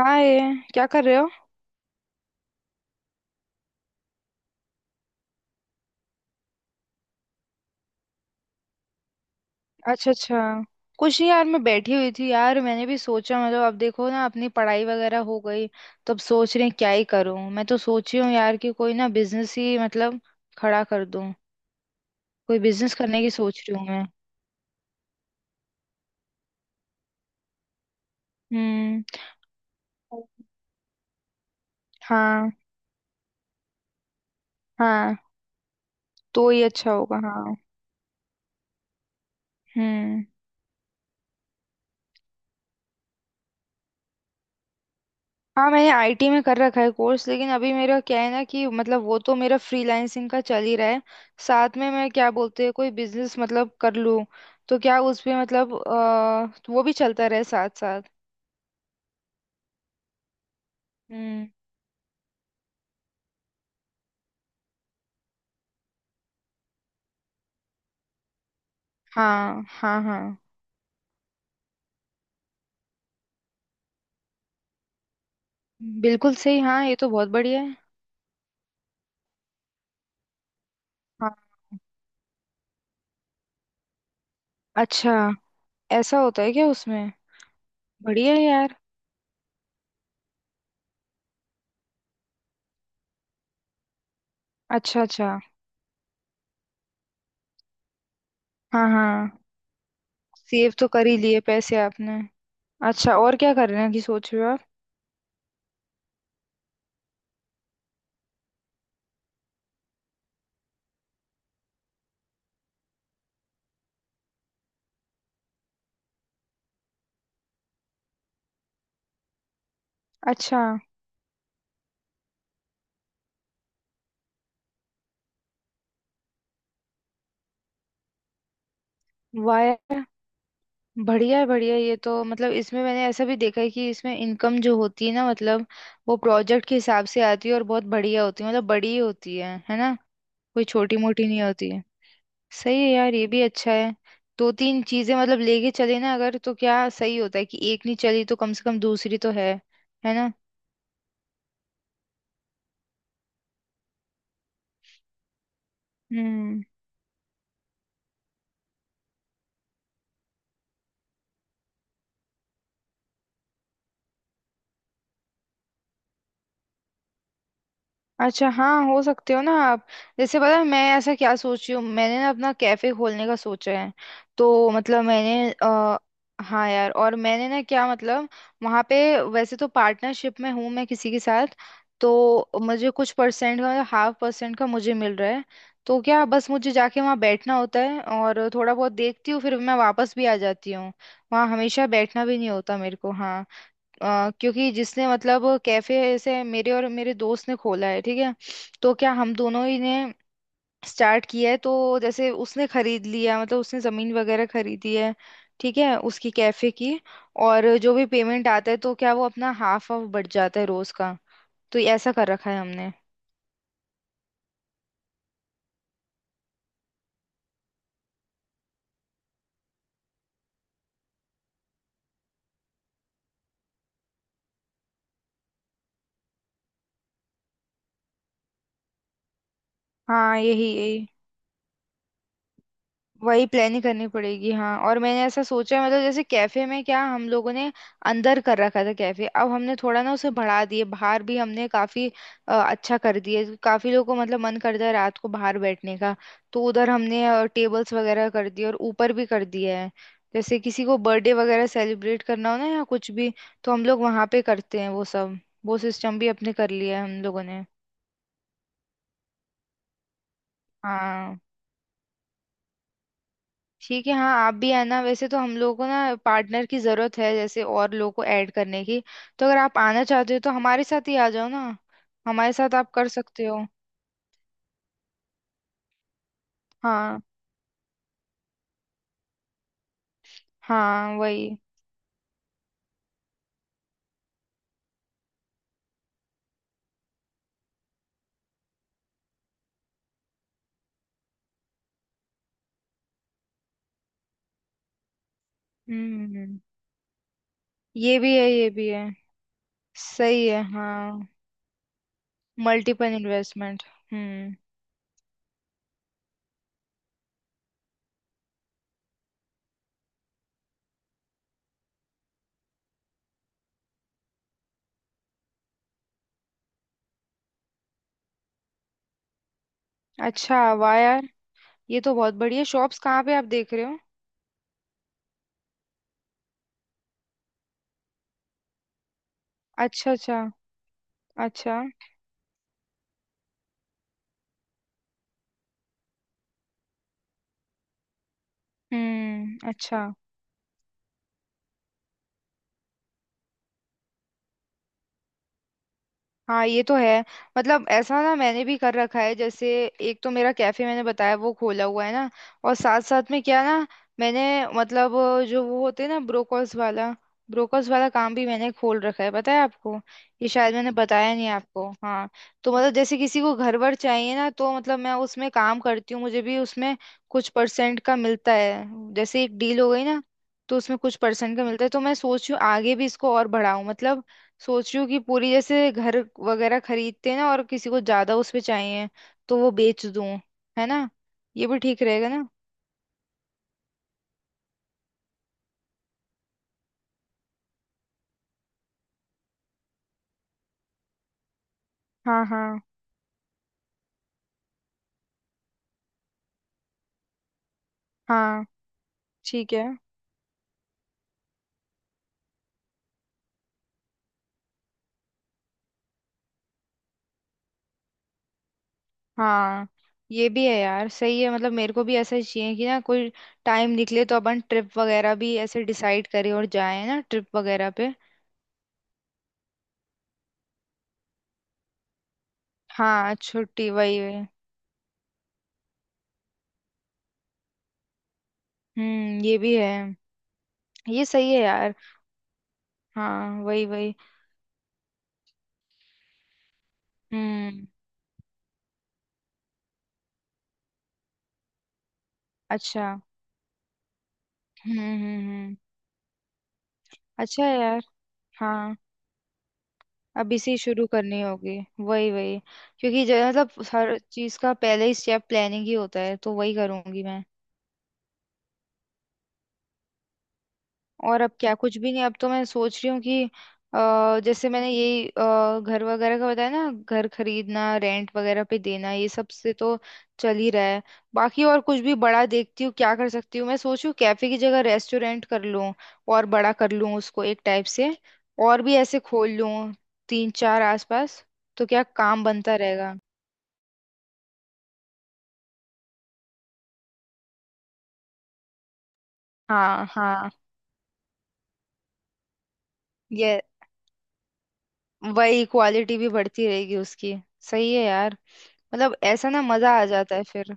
हाय। क्या कर रहे हो। अच्छा अच्छा। कुछ नहीं यार, मैं बैठी हुई थी यार, मैंने भी सोचा मतलब अब देखो ना, अपनी पढ़ाई वगैरह हो गई। तो अब सोच रहे हैं क्या ही करूं। मैं तो सोच रही हूँ यार कि कोई ना बिजनेस ही मतलब खड़ा कर दूं। कोई बिजनेस करने की सोच रही हूँ मैं। हम्म। हाँ। हाँ तो ही अच्छा होगा हाँ। हम्म। हाँ, मैंने आईटी में कर रखा है कोर्स। लेकिन अभी मेरा क्या है ना कि मतलब वो तो मेरा फ्रीलांसिंग का चल ही रहा है। साथ में मैं, क्या बोलते हैं, कोई बिजनेस मतलब कर लूँ। तो क्या उस पे मतलब तो वो भी चलता रहे साथ साथ। हम्म। हाँ हाँ हाँ। बिल्कुल सही, हाँ, ये तो बहुत बढ़िया है। हाँ। अच्छा, ऐसा होता है क्या उसमें? बढ़िया है यार। अच्छा अच्छा। हाँ हाँ। सेव तो कर ही लिए पैसे आपने। अच्छा, और क्या कर रहे हैं कि सोच रहे हो आप? अच्छा, वाह। बढ़िया है, ये तो मतलब इसमें मैंने ऐसा भी देखा है कि इसमें इनकम जो होती है ना मतलब वो प्रोजेक्ट के हिसाब से आती है और बहुत बढ़िया होती है, मतलब बड़ी होती है ना। कोई छोटी मोटी नहीं होती है। सही है यार, ये भी अच्छा है। दो तीन चीजें मतलब लेके चले ना अगर, तो क्या सही होता है कि एक नहीं चली तो कम से कम दूसरी तो है। है ना। हम्म, अच्छा, हाँ हो सकते हो ना आप। जैसे पता है, मैं ऐसा क्या सोच रही हूँ, मैंने ना अपना कैफे खोलने का सोचा है। तो मतलब मैंने। हाँ यार, और मैंने ना क्या मतलब वहाँ पे, वैसे तो पार्टनरशिप में हूँ मैं किसी के साथ। तो मुझे कुछ परसेंट का मतलब हाफ परसेंट का मुझे मिल रहा है। तो क्या बस मुझे जाके वहाँ बैठना होता है और थोड़ा बहुत देखती हूँ फिर मैं वापस भी आ जाती हूँ। वहाँ हमेशा बैठना भी नहीं होता मेरे को, हाँ। क्योंकि जिसने मतलब कैफे ऐसे मेरे और मेरे दोस्त ने खोला है, ठीक है। तो क्या हम दोनों ही ने स्टार्ट किया है तो जैसे उसने खरीद लिया, मतलब उसने जमीन वगैरह खरीदी है, ठीक है, उसकी कैफे की। और जो भी पेमेंट आता है तो क्या वो अपना हाफ ऑफ बढ़ जाता है रोज का। तो ये ऐसा कर रखा है हमने। हाँ, यही यही। वही प्लानिंग करनी पड़ेगी, हाँ। और मैंने ऐसा सोचा है, मतलब जैसे कैफे में क्या हम लोगों ने अंदर कर रखा था कैफे, अब हमने थोड़ा ना उसे बढ़ा दिए, बाहर भी हमने काफी अच्छा कर दिए, काफी लोगों को मतलब मन करता है रात को बाहर बैठने का। तो उधर हमने टेबल्स वगैरह कर दिए और ऊपर भी कर दिया है। जैसे किसी को बर्थडे वगैरह सेलिब्रेट करना हो ना या कुछ भी, तो हम लोग वहां पे करते हैं वो सब। वो सिस्टम भी अपने कर लिया है हम लोगों ने। हाँ ठीक है, हाँ आप भी आना। वैसे तो हम लोगों को ना पार्टनर की जरूरत है, जैसे और लोगों को ऐड करने की। तो अगर आप आना चाहते हो तो हमारे साथ ही आ जाओ ना। हमारे साथ आप कर सकते हो। हाँ हाँ, वही। हम्म, ये भी है ये भी है। सही है हाँ, मल्टीपल इन्वेस्टमेंट। हम्म, अच्छा, वाह यार। ये तो बहुत बढ़िया, शॉप्स कहाँ पे आप देख रहे हो? अच्छा अच्छा। अच्छा। हम्म, अच्छा। हाँ ये तो है, मतलब ऐसा ना मैंने भी कर रखा है जैसे, एक तो मेरा कैफे मैंने बताया वो खोला हुआ है ना। और साथ साथ में क्या ना, मैंने मतलब जो वो होते हैं ना, ब्रोकर्स वाला। ब्रोकर्स वाला काम भी मैंने खोल रखा है, पता है आपको। ये शायद मैंने बताया नहीं आपको, हाँ। तो मतलब जैसे किसी को घर वर चाहिए ना, तो मतलब मैं उसमें काम करती हूँ, मुझे भी उसमें कुछ परसेंट का मिलता है। जैसे एक डील हो गई ना, तो उसमें कुछ परसेंट का मिलता है। तो मैं सोच रही हूँ आगे भी इसको और बढ़ाऊं, मतलब सोच रही हूँ कि पूरी जैसे घर वगैरह खरीदते हैं ना, और किसी को ज्यादा उसपे चाहिए तो वो बेच दूं। है ना। ये भी ठीक रहेगा ना। हाँ हाँ हाँ, ठीक है, हाँ। ये भी है यार, सही है, मतलब मेरे को भी ऐसा ही चाहिए कि ना कोई टाइम निकले तो अपन ट्रिप वगैरह भी ऐसे डिसाइड करें और जाए ना ट्रिप वगैरह पे। हाँ छुट्टी, वही वही। हम्म, ये भी है। ये सही है यार। हाँ, वही वही। हम्म, अच्छा। हम्म। अच्छा है यार। हाँ, अब इसी शुरू करनी होगी। वही वही। क्योंकि जो मतलब हर चीज का पहले ही स्टेप प्लानिंग ही होता है, तो वही करूंगी मैं। और अब क्या कुछ भी नहीं, अब तो मैं सोच रही हूँ कि जैसे मैंने यही घर वगैरह का बताया ना, घर खरीदना रेंट वगैरह पे देना, ये सब से तो चल ही रहा है। बाकी और कुछ भी बड़ा देखती हूँ क्या कर सकती हूँ। मैं सोच रही हूँ कैफे की जगह रेस्टोरेंट कर लूँ और बड़ा कर लूँ उसको एक टाइप से। और भी ऐसे खोल लूँ, तीन चार आसपास, तो क्या काम बनता रहेगा। हाँ हाँ, ये वही, क्वालिटी भी बढ़ती रहेगी उसकी। सही है यार, मतलब ऐसा ना मजा आ जाता है फिर।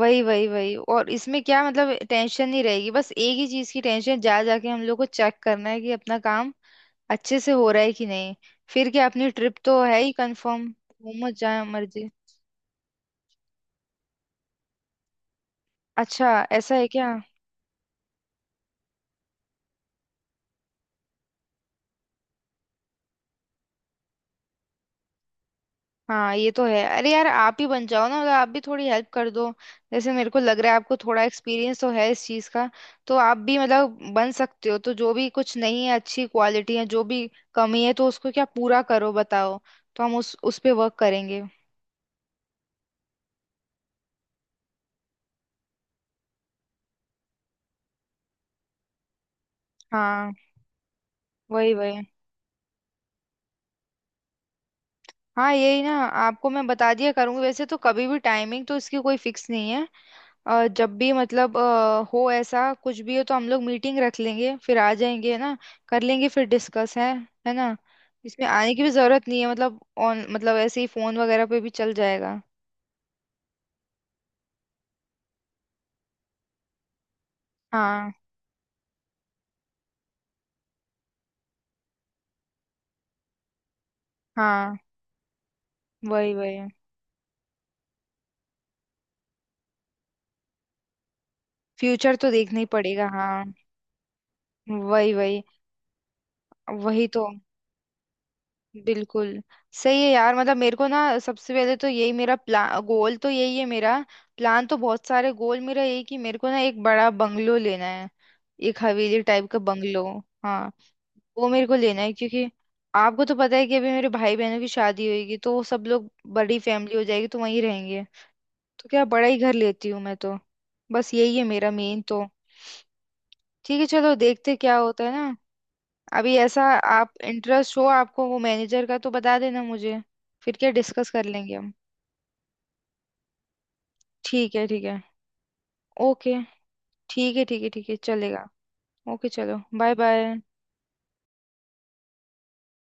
वही वही वही। और इसमें क्या मतलब टेंशन नहीं रहेगी, बस एक ही चीज की टेंशन, जा जाके हम लोग को चेक करना है कि अपना काम अच्छे से हो रहा है कि नहीं। फिर क्या, अपनी ट्रिप तो है ही कंफर्म। घूमो जाए मर्जी। अच्छा, ऐसा है क्या? हाँ ये तो है, अरे यार आप ही बन जाओ ना, मतलब आप भी थोड़ी हेल्प कर दो। जैसे मेरे को लग रहा है आपको थोड़ा एक्सपीरियंस तो है इस चीज़ का। तो आप भी मतलब बन सकते हो, तो जो भी कुछ नहीं है, अच्छी क्वालिटी है, जो भी कमी है तो उसको क्या पूरा करो, बताओ। तो हम उस पे वर्क करेंगे। हाँ, वही वही। हाँ यही ना, आपको मैं बता दिया करूंगी, वैसे तो कभी भी, टाइमिंग तो इसकी कोई फिक्स नहीं है। जब भी मतलब हो, ऐसा कुछ भी हो तो हम लोग मीटिंग रख लेंगे फिर आ जाएंगे, है ना। कर लेंगे फिर डिस्कस है। है ना। इसमें आने की भी जरूरत नहीं है मतलब, ऑन मतलब ऐसे ही फोन वगैरह पे भी चल जाएगा। हाँ हाँ, वही वही। फ्यूचर तो देखना ही पड़ेगा, हाँ। वही वही वही तो, बिल्कुल। सही है यार, मतलब मेरे को ना सबसे पहले तो यही मेरा प्लान गोल तो यही है मेरा। प्लान तो बहुत सारे, गोल मेरा यही कि मेरे को ना एक बड़ा बंगलो लेना है। एक हवेली टाइप का बंगलो। हाँ, वो मेरे को लेना है क्योंकि आपको तो पता है कि अभी मेरे भाई बहनों की शादी होगी तो वो सब लोग, बड़ी फैमिली हो जाएगी तो वहीं रहेंगे। तो क्या बड़ा ही घर लेती हूँ मैं तो। बस यही है मेरा मेन तो। ठीक है, चलो देखते क्या होता है ना। अभी ऐसा, आप इंटरेस्ट हो, आपको वो मैनेजर का तो बता देना मुझे। फिर क्या, डिस्कस कर लेंगे हम। ठीक है ठीक है, ओके, ठीक है ठीक है ठीक है, चलेगा। ओके, चलो, बाय बाय।